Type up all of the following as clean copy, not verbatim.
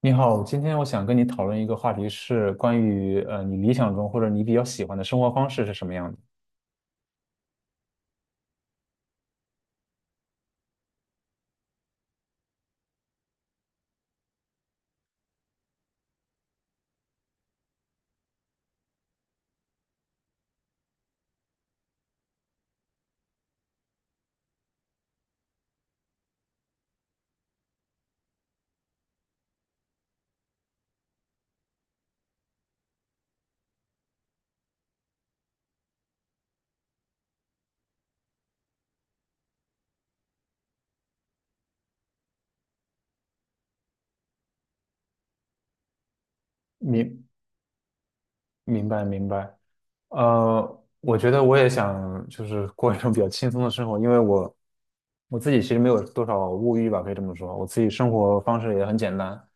你好，今天我想跟你讨论一个话题，是关于你理想中或者你比较喜欢的生活方式是什么样的。明明白明白。我觉得我也想就是过一种比较轻松的生活，因为我自己其实没有多少物欲吧，可以这么说，我自己生活方式也很简单。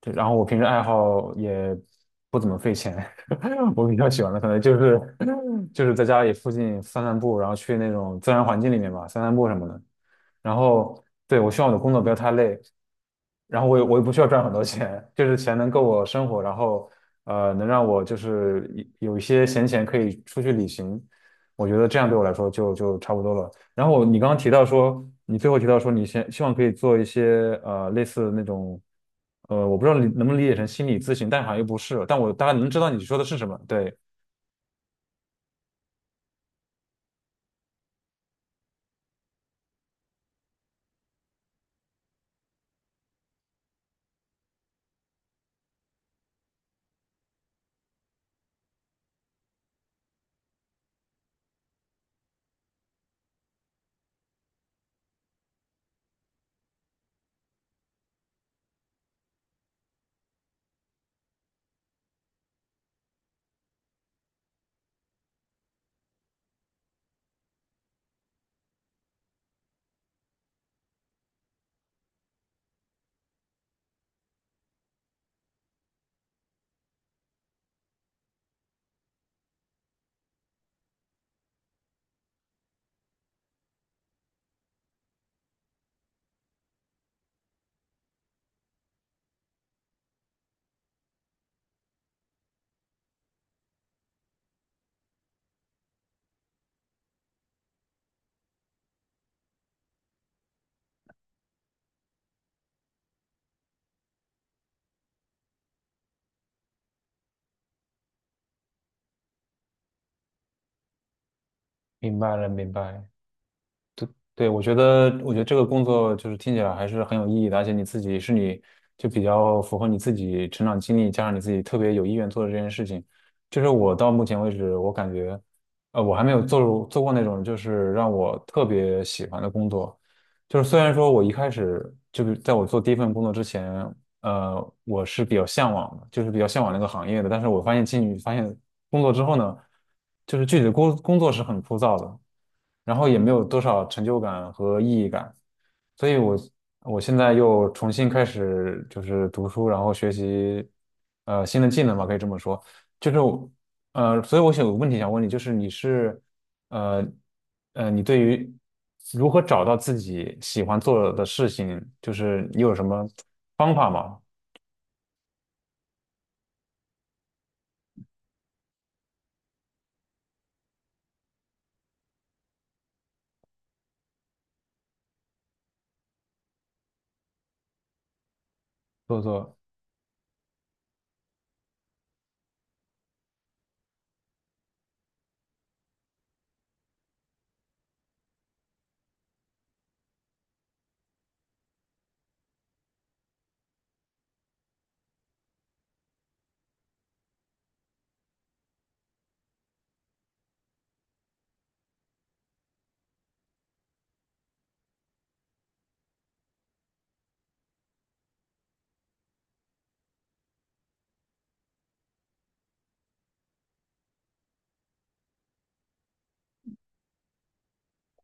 对，然后我平时爱好也不怎么费钱。我比较喜欢的可能就是 就是在家里附近散散步，然后去那种自然环境里面吧，散散步什么的。然后对，我希望我的工作不要太累。然后我也不需要赚很多钱，就是钱能够我生活。然后能让我就是有一些闲钱可以出去旅行，我觉得这样对我来说就差不多了。然后你刚刚提到说，你最后提到说，你先希望可以做一些类似那种，我不知道你能不能理解成心理咨询，但好像又不是，但我大概能知道你说的是什么。对。明白了，明白。对，我觉得，我觉得这个工作就是听起来还是很有意义的，而且你自己是你就比较符合你自己成长经历，加上你自己特别有意愿做的这件事情。就是我到目前为止，我感觉，我还没有做过那种就是让我特别喜欢的工作。就是虽然说我一开始就是在我做第一份工作之前，我是比较向往的，就是比较向往那个行业的，但是我发现进去发现工作之后呢，就是具体的工作是很枯燥的。然后也没有多少成就感和意义感，所以我我现在又重新开始就是读书，然后学习新的技能吧，可以这么说。就是我所以我想有个问题想问你，就是你是呃你对于如何找到自己喜欢做的事情，就是你有什么方法吗？做做。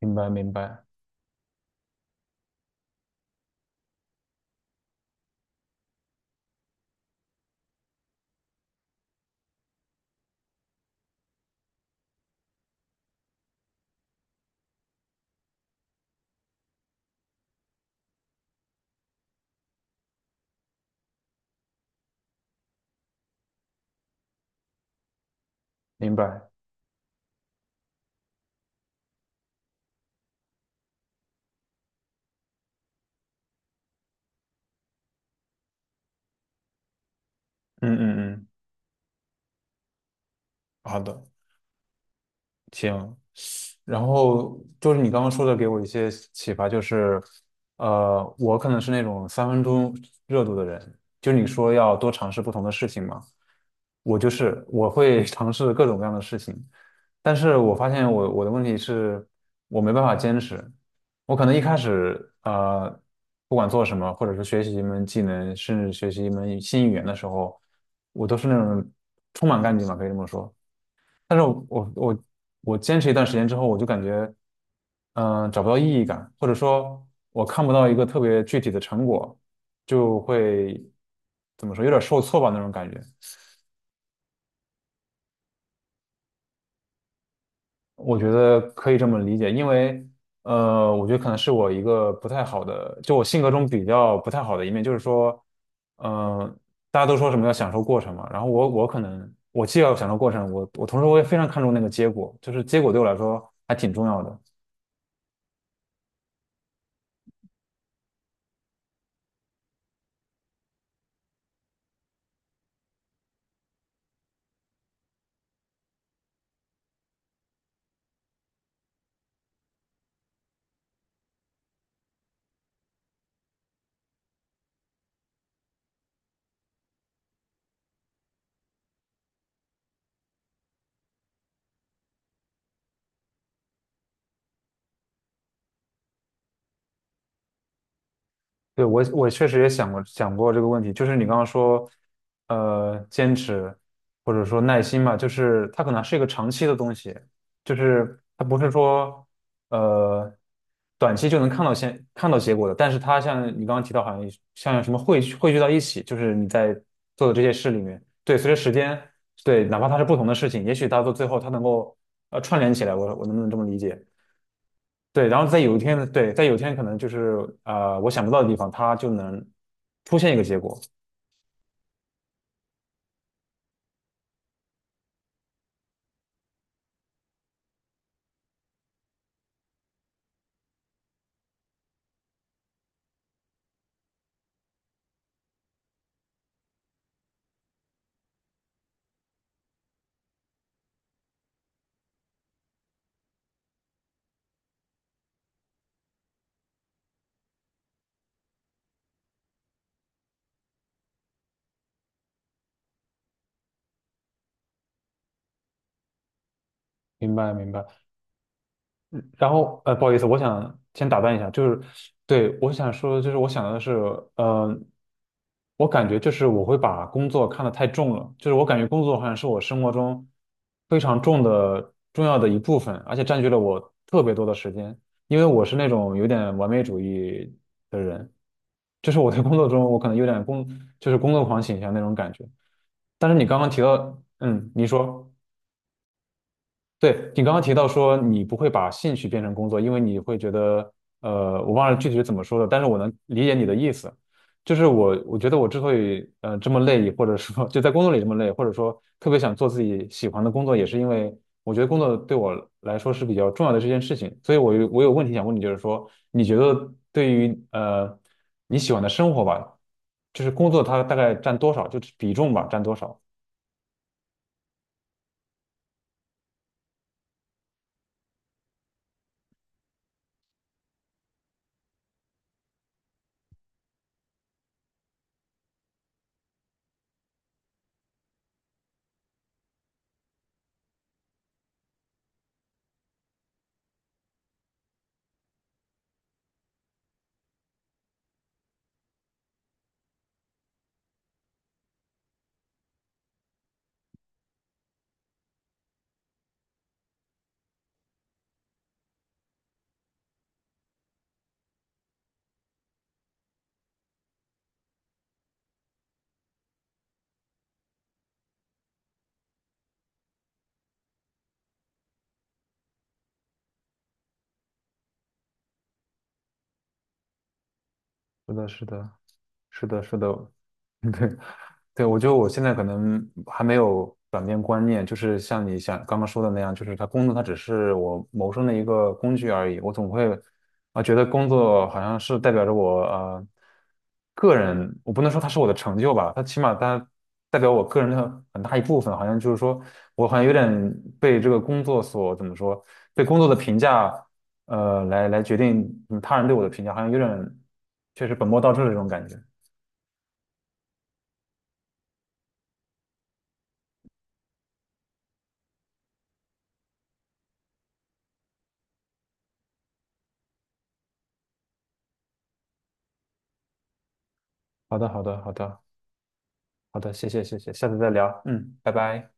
明白明白明白。嗯嗯嗯。好的。行。然后就是你刚刚说的，给我一些启发，就是，我可能是那种三分钟热度的人，就你说要多尝试不同的事情嘛，我就是我会 尝试各种各样的事情，但是我发现我的问题是，我没办法坚持。我可能一开始不管做什么，或者是学习一门技能，甚至学习一门新语言的时候，我都是那种充满干劲吧，可以这么说。但是我坚持一段时间之后，我就感觉，找不到意义感，或者说，我看不到一个特别具体的成果，就会怎么说，有点受挫吧那种感觉。我觉得可以这么理解，因为我觉得可能是我一个不太好的，就我性格中比较不太好的一面，就是说，嗯、大家都说什么要享受过程嘛，然后我可能我既要享受过程，我同时我也非常看重那个结果，就是结果对我来说还挺重要的。对，我确实也想过这个问题，就是你刚刚说，坚持或者说耐心嘛，就是它可能是一个长期的东西，就是它不是说呃短期就能看到看到结果的，但是它像你刚刚提到，好像像什么汇聚到一起，就是你在做的这些事里面。对，随着时间。对，哪怕它是不同的事情，也许它到最后它能够串联起来，我我能不能这么理解？对，然后在有一天。对，在有一天可能就是我想不到的地方，它就能出现一个结果。明白，明白。然后不好意思，我想先打断一下，就是对我想说，就是我想的是，嗯，我感觉就是我会把工作看得太重了，就是我感觉工作好像是我生活中非常重的重要的一部分，而且占据了我特别多的时间，因为我是那种有点完美主义的人，就是我在工作中我可能有点工就是工作狂倾向那种感觉。但是你刚刚提到，你说。对，你刚刚提到说你不会把兴趣变成工作，因为你会觉得，我忘了具体是怎么说的，但是我能理解你的意思。就是我，我觉得我之所以这么累，或者说 就在工作里这么累，或者说特别想做自己喜欢的工作，也是因为我觉得工作对我来说是比较重要的这件事情。所以我有问题想问你，就是说，你觉得对于你喜欢的生活吧，就是工作它大概占多少，就是比重吧，占多少？是的，是的，是的，是的。对，对，我觉得我现在可能还没有转变观念，就是像你想刚刚说的那样，就是他工作它只是我谋生的一个工具而已。我总会觉得工作好像是代表着我个人，我不能说它是我的成就吧，它起码它代表我个人的很大一部分。好像就是说我好像有点被这个工作所怎么说，被工作的评价来决定他人对我的评价，好像有点确实本末倒置的这种感觉。好的，好的，好的。好的，谢谢，下次再聊，嗯，拜拜。